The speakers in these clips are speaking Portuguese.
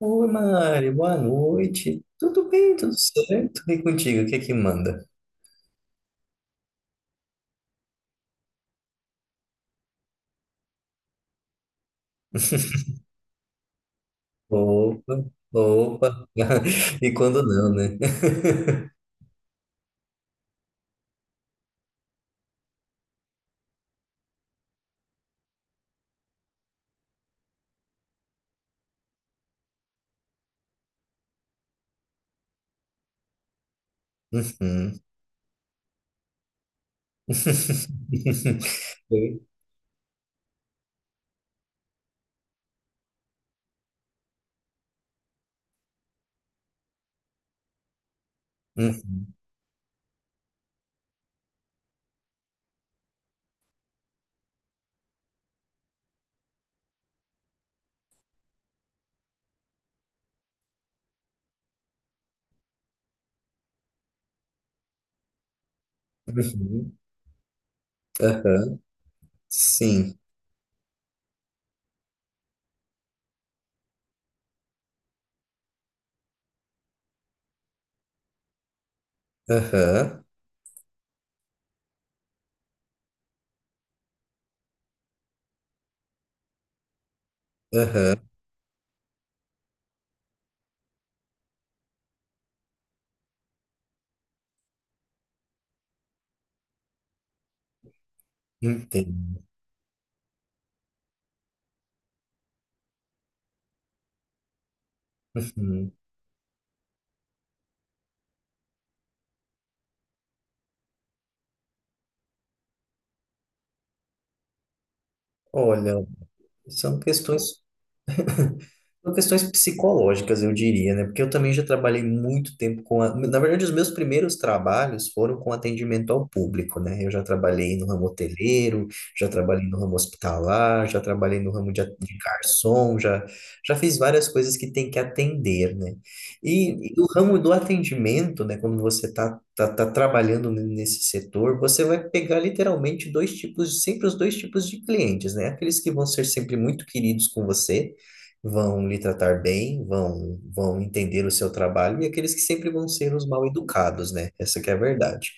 Oi, Mari, boa noite. Tudo bem, tudo certo? E contigo, o que é que manda? Opa, opa. E quando não, né? Uhum. Oi? Uhum. Uhum. Aham. Sim. Aham. Aham. Entendo. Uhum. Olha, são questões são questões psicológicas, eu diria, né? Porque eu também já trabalhei muito tempo com a... Na verdade, os meus primeiros trabalhos foram com atendimento ao público, né? Eu já trabalhei no ramo hoteleiro, já trabalhei no ramo hospitalar, já trabalhei no ramo de, de garçom, já, já fiz várias coisas que tem que atender, né? E o ramo do atendimento, né? Quando você tá trabalhando nesse setor, você vai pegar literalmente dois tipos, sempre os dois tipos de clientes, né? Aqueles que vão ser sempre muito queridos com você vão lhe tratar bem, vão, vão entender o seu trabalho, e aqueles que sempre vão ser os mal educados, né? Essa que é a verdade.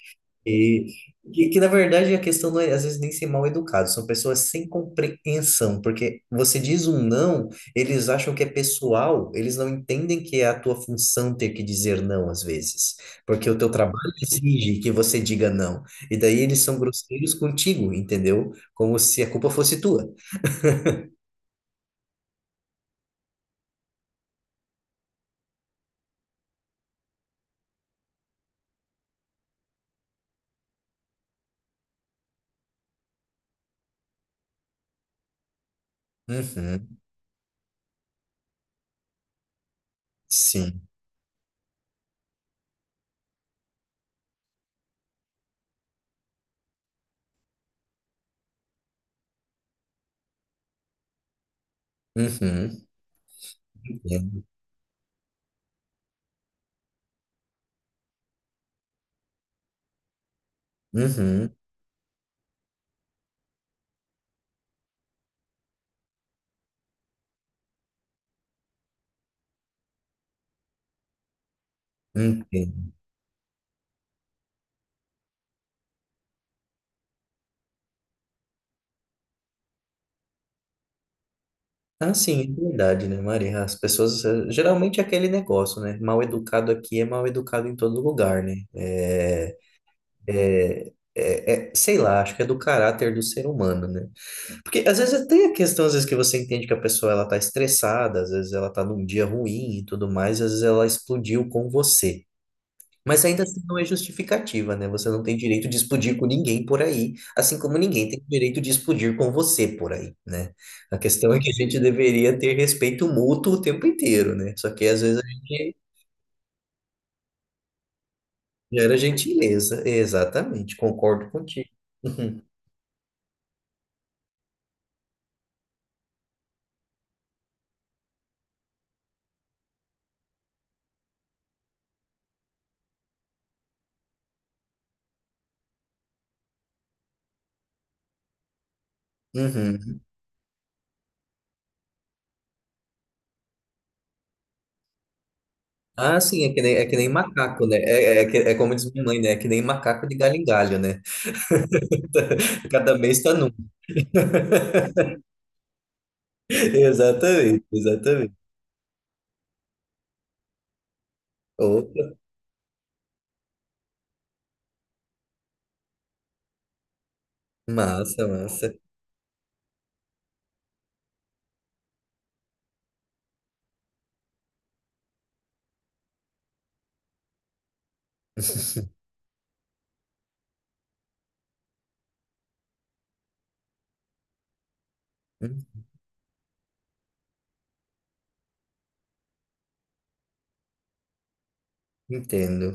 E que, na verdade, a questão não é, às vezes, nem ser mal educado, são pessoas sem compreensão, porque você diz um não, eles acham que é pessoal, eles não entendem que é a tua função ter que dizer não, às vezes, porque o teu trabalho exige que você diga não, e daí eles são grosseiros contigo, entendeu? Como se a culpa fosse tua. Uhum, sim. Uhum. Uhum, entendo. Ah, sim, é verdade, né, Maria? As pessoas, geralmente é aquele negócio, né? Mal educado aqui é mal educado em todo lugar, né? É, é, sei lá, acho que é do caráter do ser humano, né? Porque às vezes tem a questão, às vezes que você entende que a pessoa ela tá estressada, às vezes ela tá num dia ruim e tudo mais, às vezes ela explodiu com você. Mas ainda assim não é justificativa, né? Você não tem direito de explodir com ninguém por aí, assim como ninguém tem direito de explodir com você por aí, né? A questão é que a gente deveria ter respeito mútuo o tempo inteiro, né? Só que às vezes a gente gera gentileza. Exatamente, concordo contigo. Uhum. Uhum. Ah, sim, é que nem macaco, né? É é como diz minha mãe, né? É que nem macaco de galho em galho, né? Cada mês tá num. Exatamente, exatamente. Opa, massa, massa. Entendo.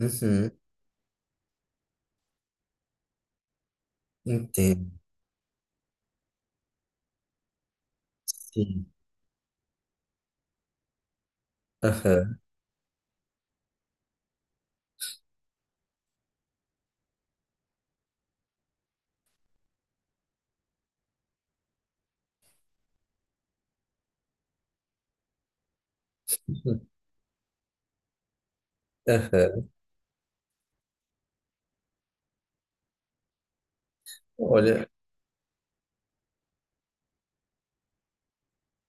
Uhum, entendo. Sim. Aham. Aham. Olha,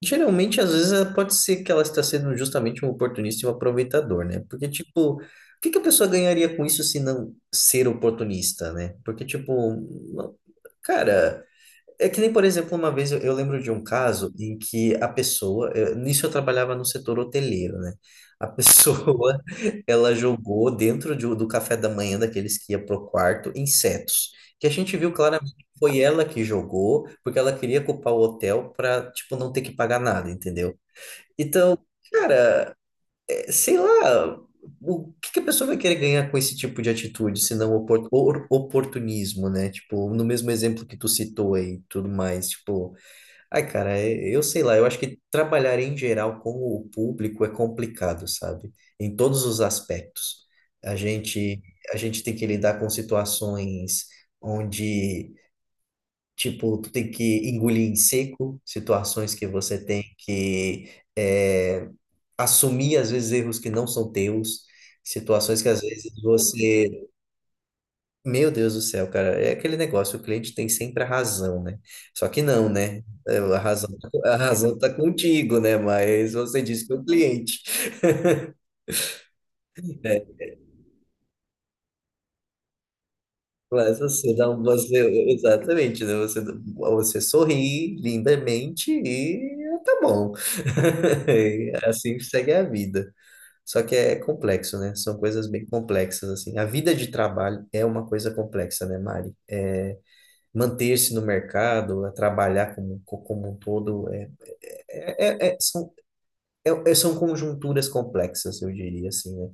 geralmente às vezes pode ser que ela está sendo justamente um oportunista e um aproveitador, né? Porque, tipo, o que que a pessoa ganharia com isso se não ser oportunista, né? Porque, tipo, não- cara. É que nem, por exemplo, uma vez eu lembro de um caso em que a pessoa, nisso eu trabalhava no setor hoteleiro, né? A pessoa, ela jogou dentro de, do café da manhã daqueles que ia pro quarto insetos, que a gente viu claramente que foi ela que jogou, porque ela queria culpar o hotel para, tipo, não ter que pagar nada, entendeu? Então, cara, sei lá, o que que a pessoa vai querer ganhar com esse tipo de atitude, se não oportunismo, né? Tipo, no mesmo exemplo que tu citou aí, e tudo mais, tipo, ai, cara, eu sei lá, eu acho que trabalhar em geral com o público é complicado, sabe? Em todos os aspectos. A gente, a gente tem que lidar com situações onde tipo, tu tem que engolir em seco situações que você tem que é, assumir, às vezes, erros que não são teus, situações que, às vezes, você... Meu Deus do céu, cara, é aquele negócio, o cliente tem sempre a razão, né? Só que não, né? A razão tá contigo, né? Mas você diz que é o cliente. Mas você dá um, você, exatamente, né? Você, você sorri lindamente e tá bom. E assim segue a vida. Só que é complexo, né? São coisas bem complexas, assim. A vida de trabalho é uma coisa complexa, né, Mari? É, manter-se no mercado, é trabalhar como um todo, é, é- é- são, são conjunturas complexas, eu diria, assim, né?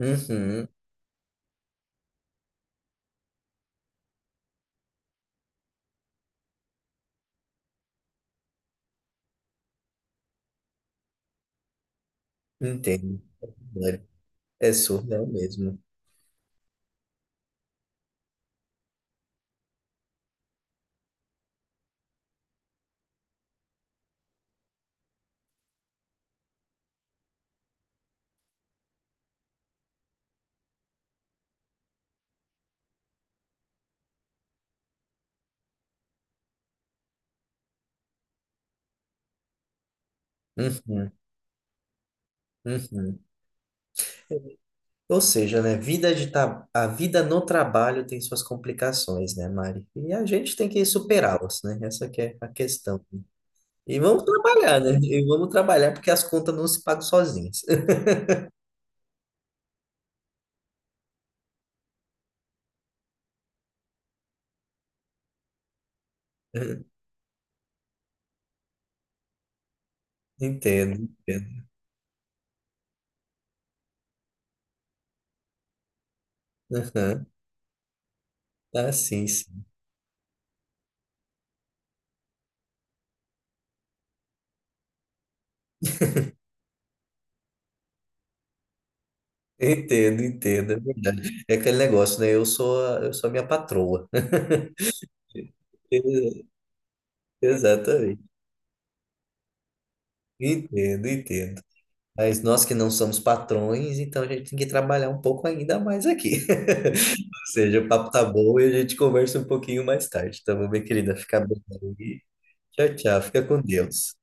Uhum, entendo. É surreal mesmo. Uhum, uhum. Ou seja, né, vida de a vida no trabalho tem suas complicações, né, Mari? E a gente tem que superá-las, né? Essa que é a questão. E vamos trabalhar, né? E vamos trabalhar porque as contas não se pagam sozinhas. Entendo, entendo. Aham. Ah, sim, sim. Entendo, entendo. É verdade. É aquele negócio, né? Eu sou a minha patroa. Ex- Exatamente. Entendo, entendo. Mas nós que não somos patrões, então a gente tem que trabalhar um pouco ainda mais aqui. Ou seja, o papo tá bom e a gente conversa um pouquinho mais tarde, tá bom, minha querida? Fica bem aí. Tchau, tchau. Fica com Deus.